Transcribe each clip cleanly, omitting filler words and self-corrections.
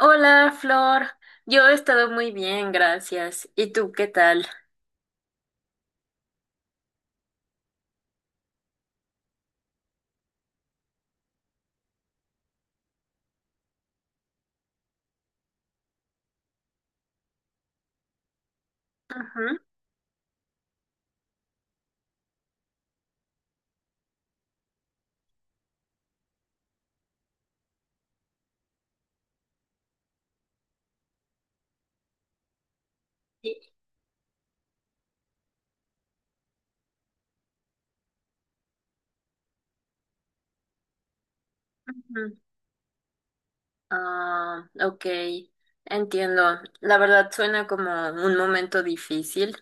Hola, Flor. Yo he estado muy bien, gracias. ¿Y tú qué tal? Ujú, sí, ujú. Ah, ok, entiendo. La verdad suena como un momento difícil,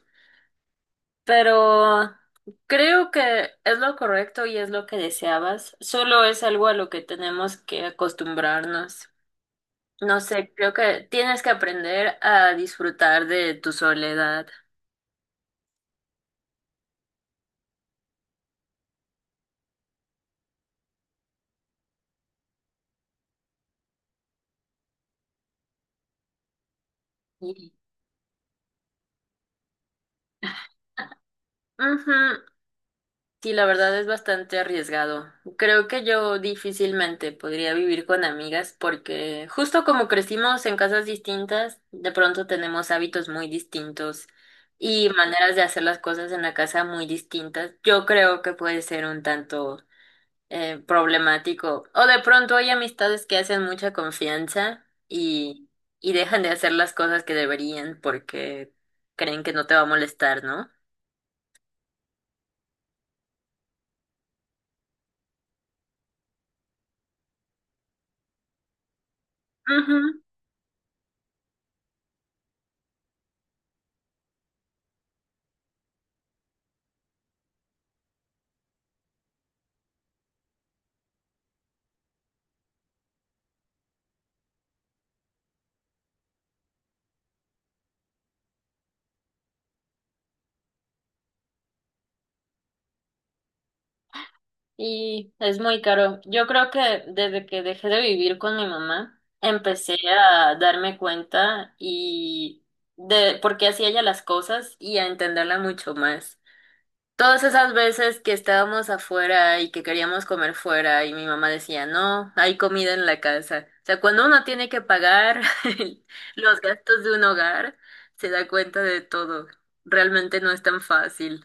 pero creo que es lo correcto y es lo que deseabas. Solo es algo a lo que tenemos que acostumbrarnos. No sé, creo que tienes que aprender a disfrutar de tu soledad. Sí. Ujú, sí, la verdad es bastante arriesgado. Creo que yo difícilmente podría vivir con amigas porque justo como crecimos en casas distintas, de pronto tenemos hábitos muy distintos y maneras de hacer las cosas en la casa muy distintas. Yo creo que puede ser un tanto problemático. O de pronto hay amistades que hacen mucha confianza y dejan de hacer las cosas que deberían porque creen que no te va a molestar, ¿no? Y es muy caro. Yo creo que desde que dejé de vivir con mi mamá, empecé a darme cuenta y de por qué hacía ella las cosas y a entenderla mucho más. Todas esas veces que estábamos afuera y que queríamos comer fuera y mi mamá decía, no, hay comida en la casa. O sea, cuando uno tiene que pagar los gastos de un hogar, se da cuenta de todo. Realmente no es tan fácil.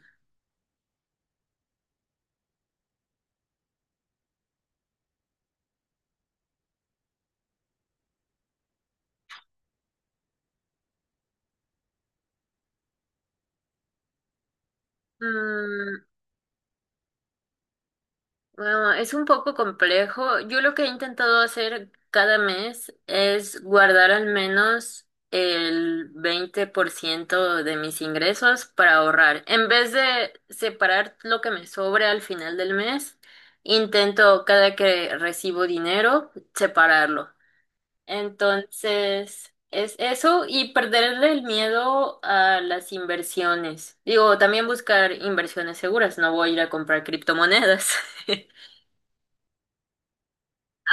Mm, Ah, es un poco complejo. Yo lo que he intentado hacer cada mes es guardar al menos el 20% de mis ingresos para ahorrar. En vez de separar lo que me sobre al final del mes, intento cada que recibo dinero separarlo. Entonces, es eso y perderle el miedo a las inversiones. Digo, también buscar inversiones seguras. No voy a ir a comprar criptomonedas.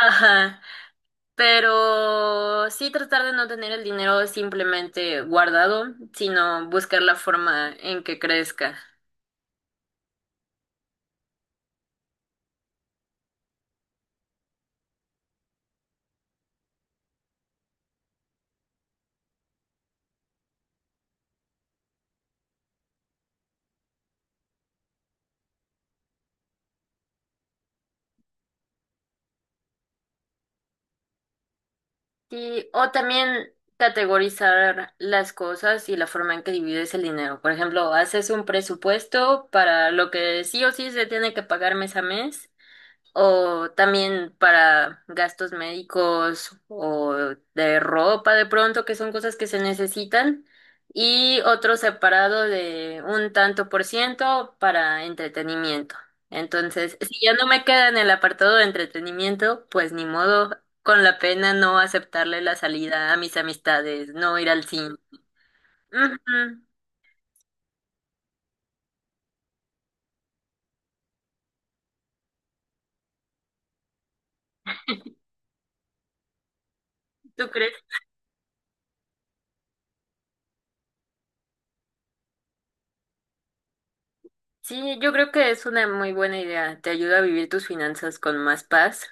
Ajá, pero sí tratar de no tener el dinero simplemente guardado, sino buscar la forma en que crezca. Sí, o también categorizar las cosas y la forma en que divides el dinero. Por ejemplo, haces un presupuesto para lo que sí o sí se tiene que pagar mes a mes. O también para gastos médicos o de ropa de pronto, que son cosas que se necesitan. Y otro separado de un tanto por ciento para entretenimiento. Entonces, si ya no me queda en el apartado de entretenimiento, pues ni modo, con la pena no aceptarle la salida a mis amistades, no ir al cine. Ujú. ¿Tú crees? Sí, yo creo que es una muy buena idea. Te ayuda a vivir tus finanzas con más paz,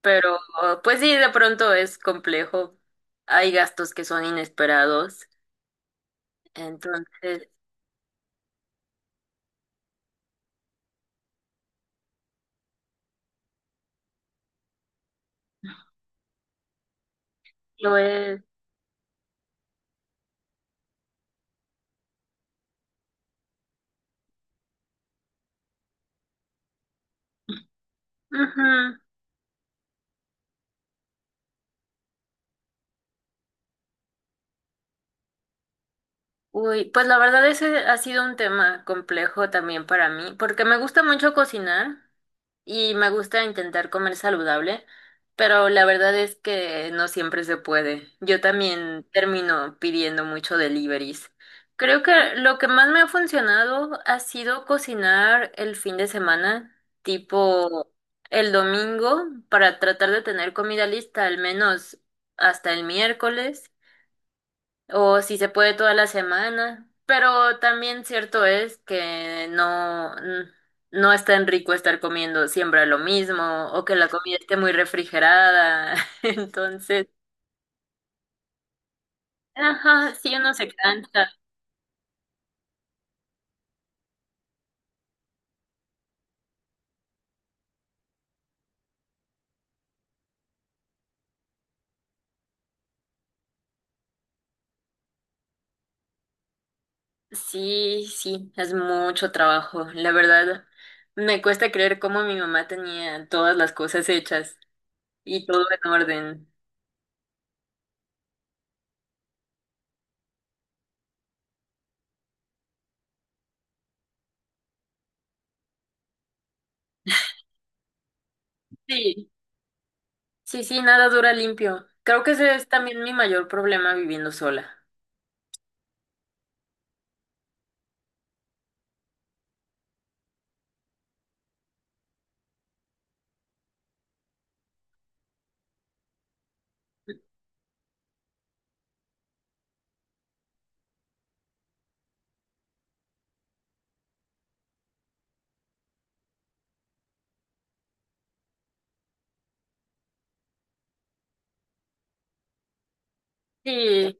pero pues sí, de pronto es complejo. Hay gastos que son inesperados, entonces lo es. Ujú. Uy, pues la verdad ese ha sido un tema complejo también para mí, porque me gusta mucho cocinar. Y me gusta intentar comer saludable, pero la verdad es que no siempre se puede. Yo también termino pidiendo mucho deliveries. Creo que lo que más me ha funcionado ha sido cocinar el fin de semana, tipo el domingo, para tratar de tener comida lista al menos hasta el miércoles. O si se puede toda la semana. Pero también cierto es que no es tan rico estar comiendo siempre lo mismo o que la comida esté muy refrigerada. Entonces, ajá, sí uno se cansa. Sí, sí, es mucho trabajo. La verdad, me cuesta creer cómo mi mamá tenía todas las cosas hechas y todo en orden. Sí, sí, sí, nada dura limpio. Creo que ese es también mi mayor problema viviendo sola. Sí.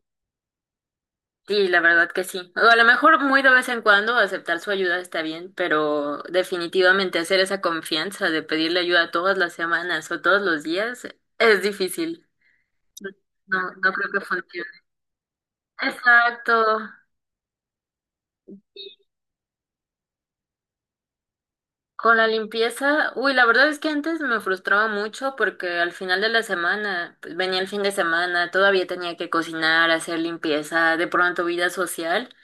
Sí, la verdad que sí. O a lo mejor muy de vez en cuando aceptar su ayuda está bien, pero definitivamente hacer esa confianza de pedirle ayuda todas las semanas o todos los días es difícil. No, no creo que funcione. Exacto. Con la limpieza, uy, la verdad es que antes me frustraba mucho porque al final de la semana, pues venía el fin de semana, todavía tenía que cocinar, hacer limpieza, de pronto vida social.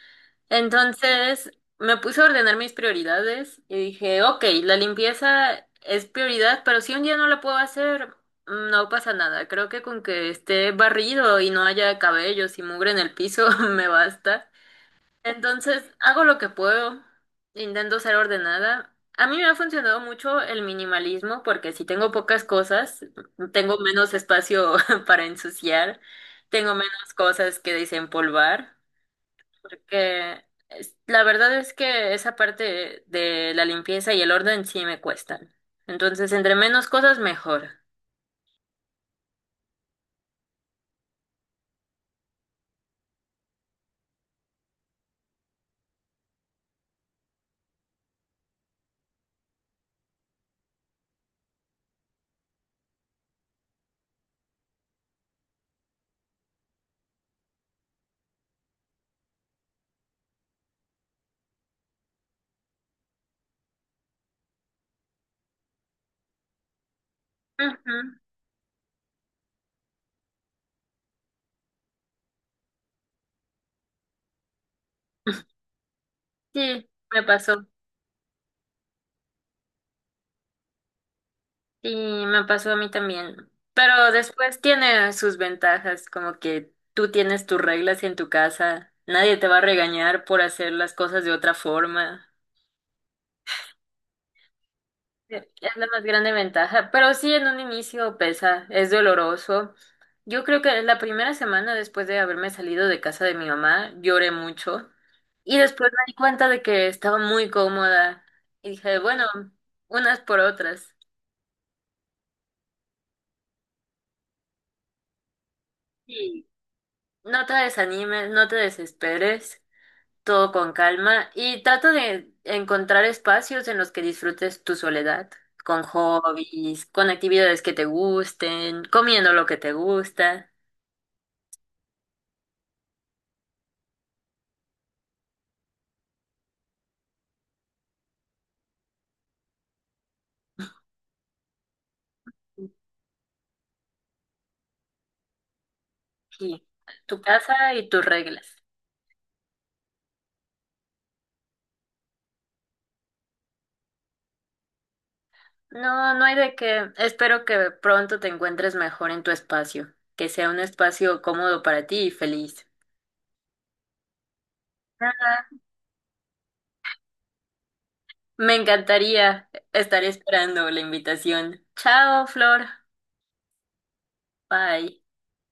Entonces me puse a ordenar mis prioridades y dije, ok, la limpieza es prioridad, pero si un día no la puedo hacer, no pasa nada. Creo que con que esté barrido y no haya cabellos y mugre en el piso me basta. Entonces hago lo que puedo, intento ser ordenada. A mí me ha funcionado mucho el minimalismo porque si tengo pocas cosas, tengo menos espacio para ensuciar, tengo menos cosas que desempolvar que la verdad es que esa parte de la limpieza y el orden sí me cuestan. Entonces, entre menos cosas, mejor. Ujú. Sí, me pasó. Sí, me pasó a mí también. Pero después tiene sus ventajas, como que tú tienes tus reglas en tu casa, nadie te va a regañar por hacer las cosas de otra forma. Es la más grande ventaja, pero sí en un inicio pesa, es doloroso. Yo creo que la primera semana después de haberme salido de casa de mi mamá, lloré mucho y después me di cuenta de que estaba muy cómoda y dije, bueno, unas por otras. Sí. No te desanimes, no te desesperes, todo con calma y trata de encontrar espacios en los que disfrutes tu soledad, con hobbies, con actividades que te gusten, comiendo lo que te gusta. Aquí, tu casa y tus reglas. No, no hay de qué. Espero que pronto te encuentres mejor en tu espacio, que sea un espacio cómodo para ti y feliz. Ah, me encantaría. Estaré esperando la invitación. Chao, Flor. Bye.